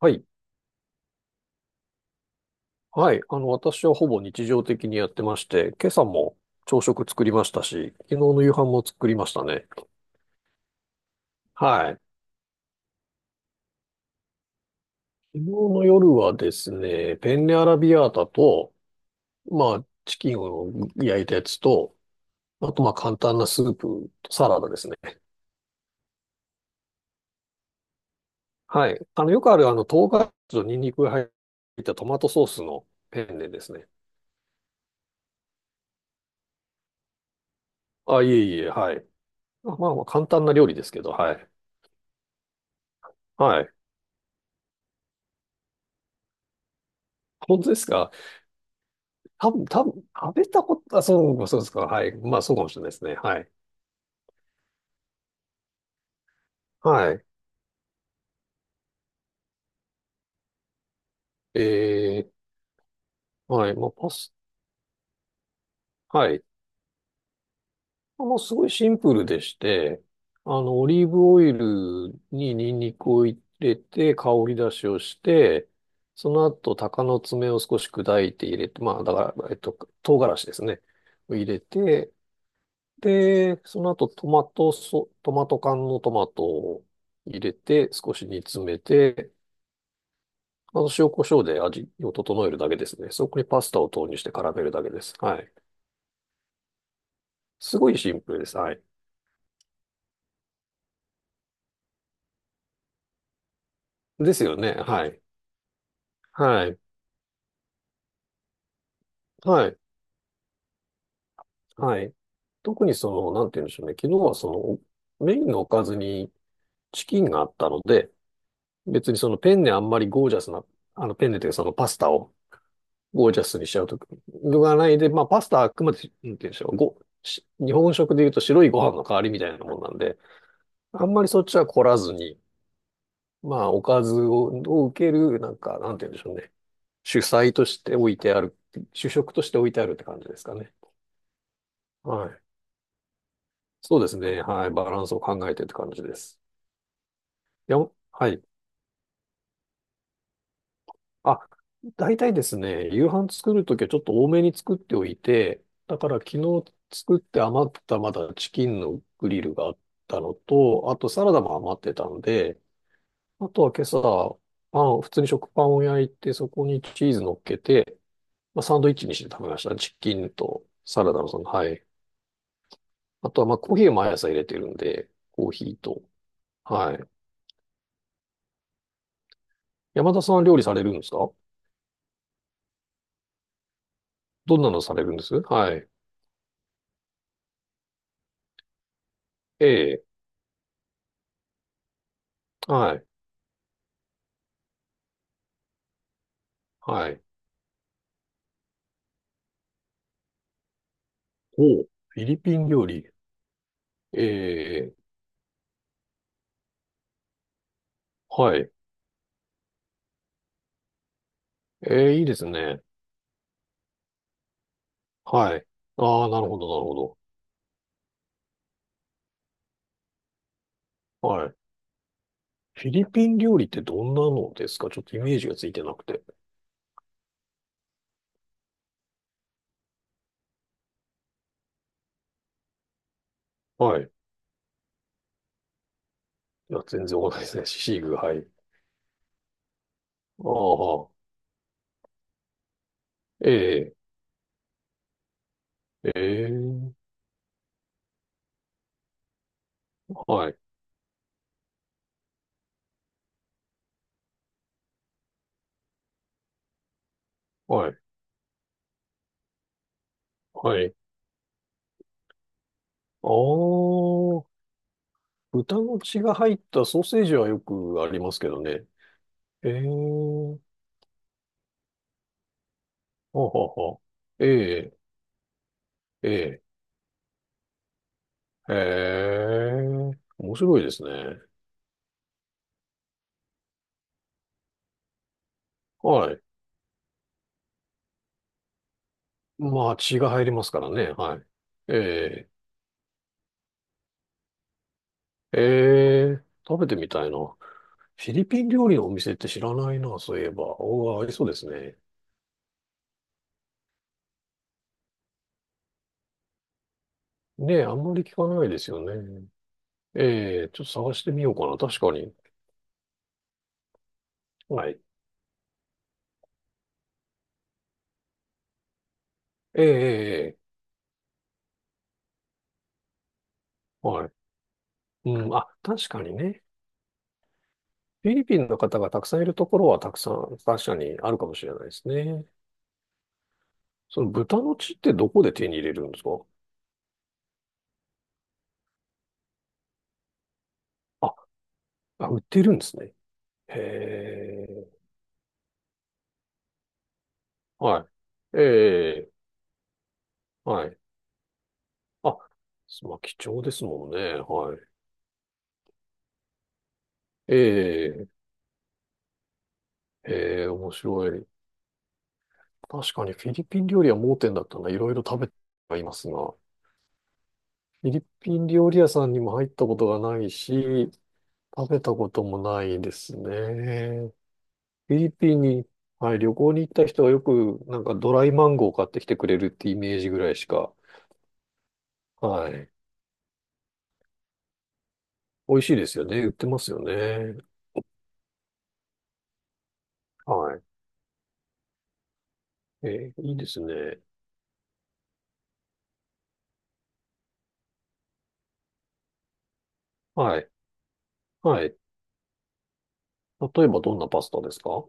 はい。はい。私はほぼ日常的にやってまして、今朝も朝食作りましたし、昨日の夕飯も作りましたね。はい。昨日の夜はですね、ペンネアラビアータと、まあ、チキンを焼いたやつと、あとまあ簡単なスープとサラダですね。はい。よくある唐辛子とニンニクが入ったトマトソースのペンネですね。あ、いえいえ、はい。まあまあ簡単な料理ですけど、はい。はい。本当ですか？多分、食べたこと、あ、そう、そうですか。はい。まあ、そうかもしれないですね。はい。はい。えはい。まあ、はい。まあの、すごいシンプルでして、オリーブオイルにニンニクを入れて、香り出しをして、その後、鷹の爪を少し砕いて入れて、まあ、だから、唐辛子ですね。を入れて、で、その後、トマト缶のトマトを入れて、少し煮詰めて、塩コショウで味を整えるだけですね。そこにパスタを投入して絡めるだけです。はい。すごいシンプルです。はい。ですよね。はい。はい。はい。はい。特になんて言うんでしょうね。昨日はメインのおかずにチキンがあったので、別にそのペンネあんまりゴージャスな、あのペンネというかそのパスタをゴージャスにしちゃうと具がないで、まあパスタはあくまで、なんて言うんでしょう。日本食で言うと白いご飯の代わりみたいなもんなんで、あんまりそっちは凝らずに、まあ、おかずを受ける、なんか、なんて言うんでしょうね。主菜として置いてある、主食として置いてあるって感じですかね。はい。そうですね。はい。バランスを考えてって感じです。いや、はい。あ、大体ですね、夕飯作るときはちょっと多めに作っておいて、だから昨日作って余ったまだチキンのグリルがあったのと、あとサラダも余ってたんで、あとは今朝、普通に食パンを焼いて、そこにチーズ乗っけて、まあ、サンドイッチにして食べました。チキンとサラダのはい。あとは、まあ、コーヒーを毎朝入れてるんで、コーヒーと。はい。山田さんは料理されるんですか？どんなのされるんです。はい。ええ、はい。はい。おうフィリピン料理。ええ、はい。ええ、いいですね。はい。ああ、なるほど、なるほど。はい。フィリピン料理ってどんなのですか？ちょっとイメージがついてなくて。はい。いや、全然わかんないですね。シシーグ、はい。ああ、ええ、ええ、はい。はい。はい。ああ、豚の血が入ったソーセージはよくありますけどね。ええははは。ええ、ええ、ええ、面白いですね。はい。まあ、血が入りますからね。はい。ええ、ええ、食べてみたいな。フィリピン料理のお店って知らないな、そういえば。おーありそうですね。ねえ、あんまり聞かないですよね。ええ、ちょっと探してみようかな。確かに。はい。ええ、ええ、ええはい。うん、あ、確かにね。フィリピンの方がたくさんいるところはたくさん確かにあるかもしれないですね。その豚の血ってどこで手に入れるんですか？あ、あ、売ってるんですね。へえ、はい。ええ、はい。あ、まあ、貴重ですもんね。はい。ええ、ええ、面白い。確かにフィリピン料理は盲点だったな。いろいろ食べてはいますが。フィリピン料理屋さんにも入ったことがないし、食べたこともないですね。フィリピンに、はい、旅行に行った人はよく、なんかドライマンゴー買ってきてくれるってイメージぐらいしか、はい。美味しいですよね。売ってますよね。はい。いいですね。はい。はい。例えばどんなパスタですか？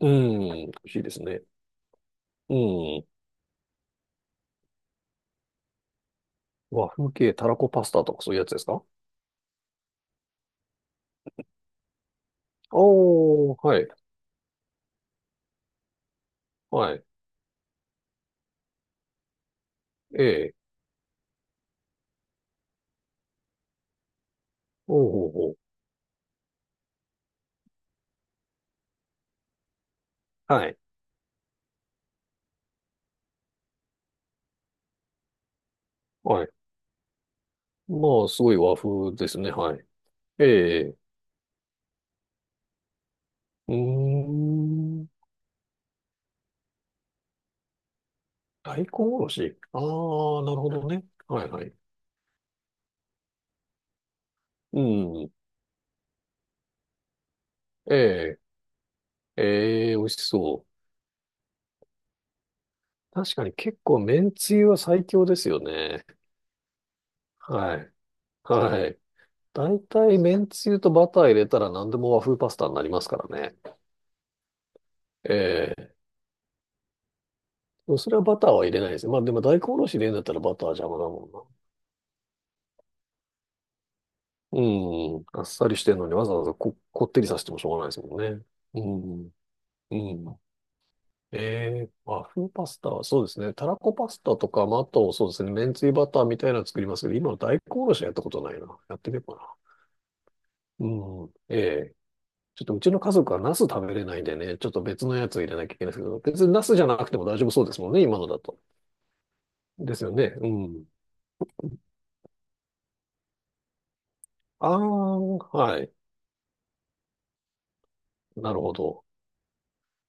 うん。美味しいですね。うん。和風系たらこパスタとかそういうやつですか？おー、はい。はい。ええ。おうおうおう。はい。はい。まあ、すごい和風ですね。はい。ええ。うーん。大根おろし。ああ、なるほどね。はいはい。うん。ええ、ええ、美味しそう。確かに結構麺つゆは最強ですよね。はい。はい。大体麺つゆとバター入れたら何でも和風パスタになりますからね。ええ。それはバターは入れないですね。まあでも大根おろし入れるんだったらバターは邪魔だもんな。うん。あっさりしてるのにわざわざこってりさせてもしょうがないですもんね。うん。うん。和風パスタは、そうですね。たらこパスタとか、まあ、あと、そうですね。めんつゆバターみたいなの作りますけど、今の大根おろしはやったことないな。やってみようかな。うん。ええちょっとうちの家族はナス食べれないんでね、ちょっと別のやつを入れなきゃいけないですけど、別にナスじゃなくても大丈夫そうですもんね、今のだと。ですよね。うん。ああ、はい。なるほど。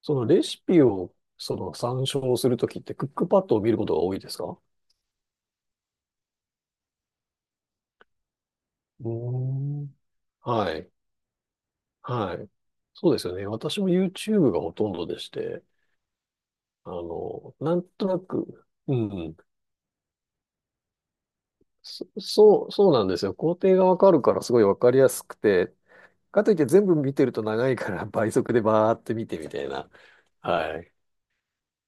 そのレシピを、参照するときって、クックパッドを見ることが多いですか？うーん。はい。はい。そうですよね。私も YouTube がほとんどでして、なんとなく、うん、そうなんですよ。工程がわかるからすごいわかりやすくて、かといって全部見てると長いから倍速でバーって見てみたいな。はい。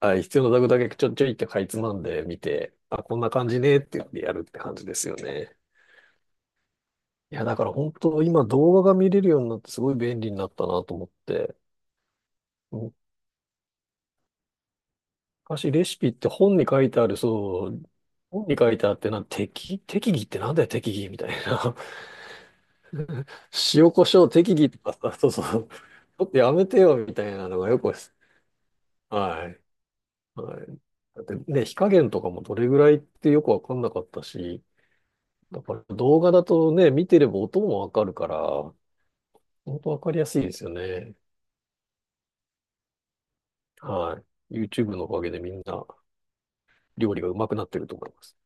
はい。必要なとこだけちょちょいってかいつまんで見て、あ、こんな感じねって言ってやるって感じですよね。いや、だから本当今動画が見れるようになってすごい便利になったなと思って、うん昔レシピって本に書いてある、そう、本に書いてあってな、適宜ってなんだよ、適宜みたいな。塩コショウ適宜とかさ、そうそう、ちょっとやめてよ、みたいなのがよくです。はい。はい。だってね、火加減とかもどれぐらいってよくわかんなかったし、だから動画だとね、見てれば音もわかるから、本当わかりやすいですよね。はい。YouTube のおかげでみんな料理がうまくなってると思います。